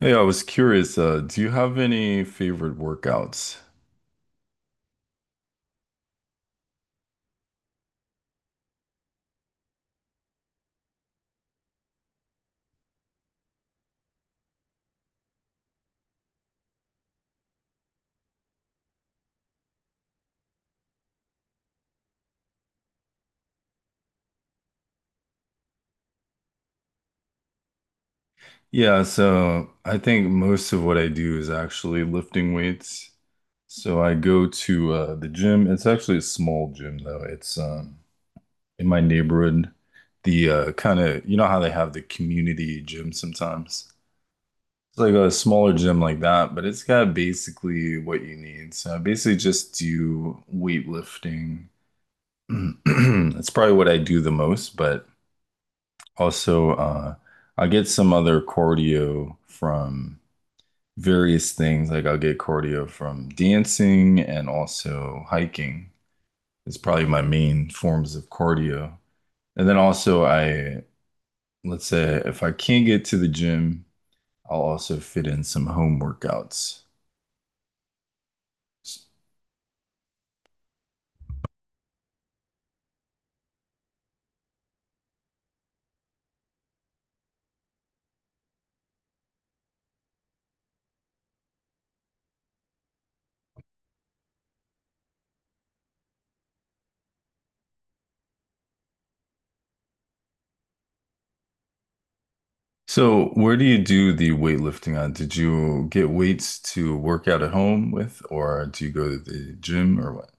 Hey, I was curious, do you have any favorite workouts? Yeah, so I think most of what I do is actually lifting weights. So I go to the gym. It's actually a small gym though. It's in my neighborhood. The kind of you know how they have the community gym sometimes. It's like a smaller gym like that, but it's got basically what you need. So I basically just do weightlifting. That's probably what I do the most, but. Also, I get some other cardio from various things. Like I'll get cardio from dancing and also hiking. It's probably my main forms of cardio. And then also let's say if I can't get to the gym, I'll also fit in some home workouts. So where do you do the weightlifting on? Did you get weights to work out at home with, or do you go to the gym or what?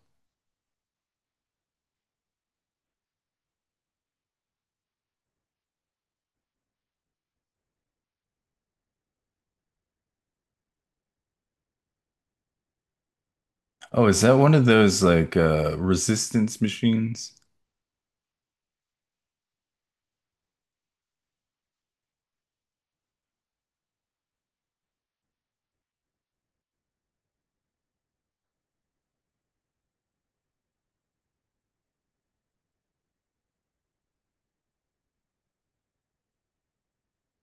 Oh, is that one of those like resistance machines?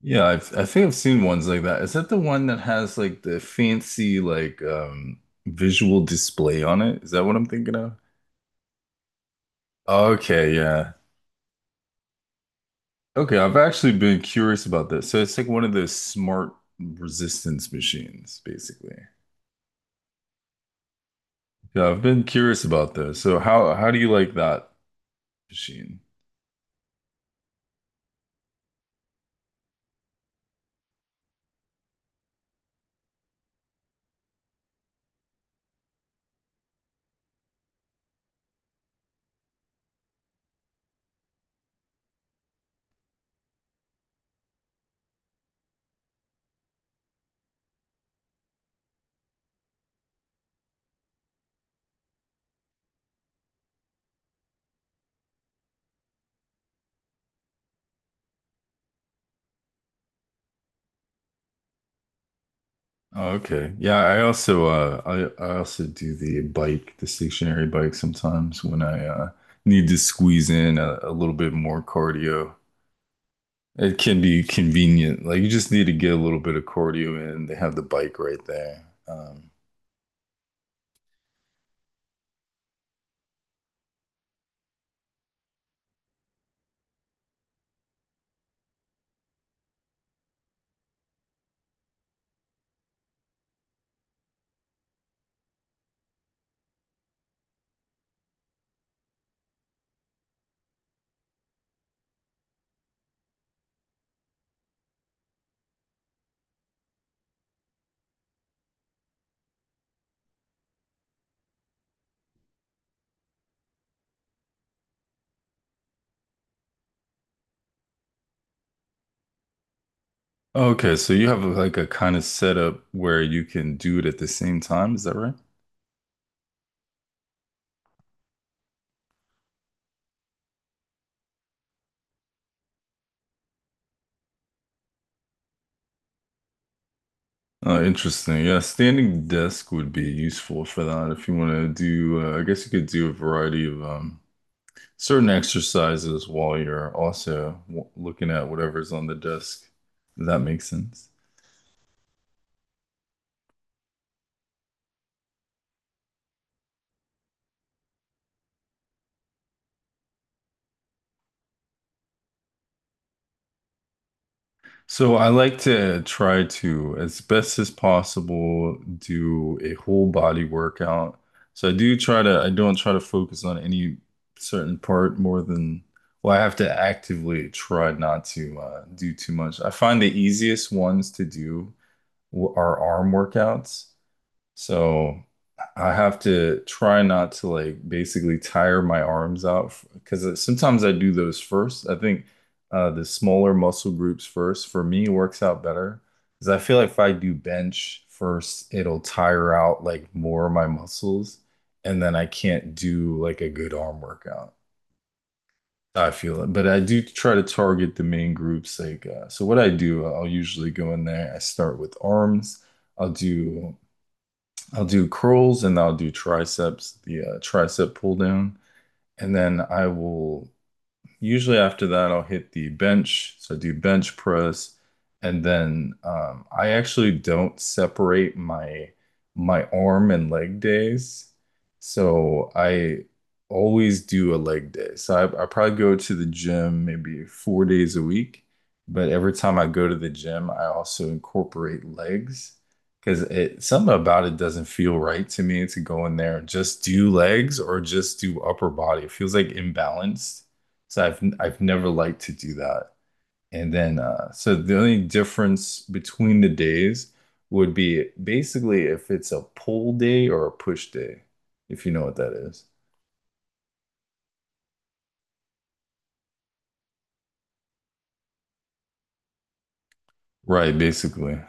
Yeah, I think I've seen ones like that. Is that the one that has like the fancy like visual display on it? Is that what I'm thinking of? Okay, yeah. Okay, I've actually been curious about this. So it's like one of those smart resistance machines, basically. Yeah, I've been curious about this. So how do you like that machine? Oh, okay. Yeah, I also I also do the bike, the stationary bike sometimes when I need to squeeze in a little bit more cardio. It can be convenient. Like you just need to get a little bit of cardio in. They have the bike right there. Oh, okay, so you have like a kind of setup where you can do it at the same time, is that right? Interesting. Yeah, standing desk would be useful for that if you want to do I guess you could do a variety of certain exercises while you're also w looking at whatever's on the desk. If that makes sense. So I like to try to, as best as possible, do a whole body workout. So I do try to, I don't try to focus on any certain part more than, well, I have to actively try not to do too much. I find the easiest ones to do are arm workouts. So I have to try not to like basically tire my arms out because sometimes I do those first. I think the smaller muscle groups first for me works out better because I feel like if I do bench first, it'll tire out like more of my muscles and then I can't do like a good arm workout. I feel it, but I do try to target the main groups. Like, so what I do, I'll usually go in there. I start with arms. I'll do I'll do curls and I'll do triceps, the tricep pull down, and then I will usually after that, I'll hit the bench. So I do bench press, and then I actually don't separate my arm and leg days. So I always do a leg day. So I probably go to the gym maybe 4 days a week, but every time I go to the gym, I also incorporate legs because it something about it doesn't feel right to me to go in there and just do legs or just do upper body. It feels like imbalanced. So I've never liked to do that. And then so the only difference between the days would be basically if it's a pull day or a push day, if you know what that is. Right, basically.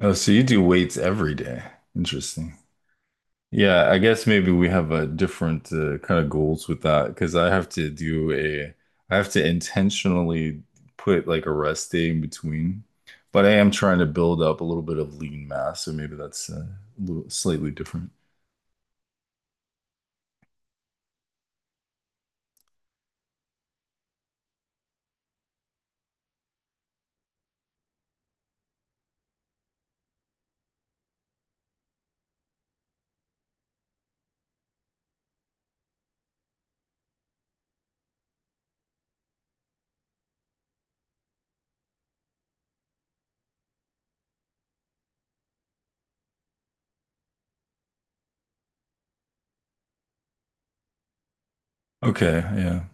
Oh, so you do weights every day. Interesting. Yeah, I guess maybe we have a different kind of goals with that because I have to do I have to intentionally put like a rest day in between, but I am trying to build up a little bit of lean mass, so maybe that's a little slightly different. Okay, yeah.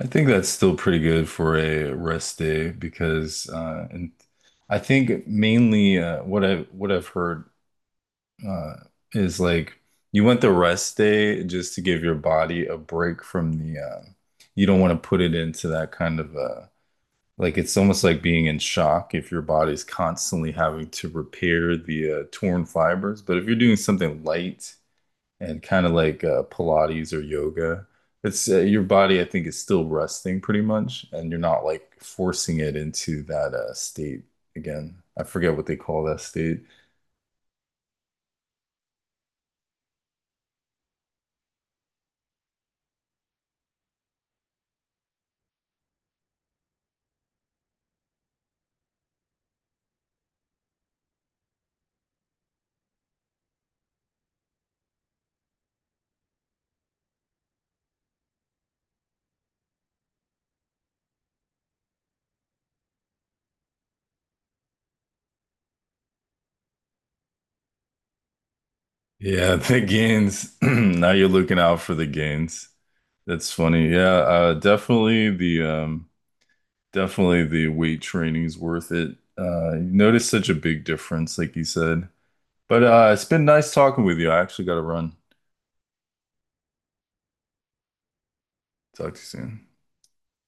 I think that's still pretty good for a rest day because and I think mainly what I've heard uh, is like you want the rest day just to give your body a break from the you don't want to put it into that kind of like it's almost like being in shock if your body's constantly having to repair the torn fibers. But if you're doing something light and kind of like Pilates or yoga. It's your body, I think, is still resting pretty much, and you're not like forcing it into that state again. I forget what they call that state. Yeah, the gains. Now you're looking out for the gains. That's funny. Yeah, definitely the weight training's worth it. You notice such a big difference, like you said. But it's been nice talking with you. I actually got to run. Talk to you soon.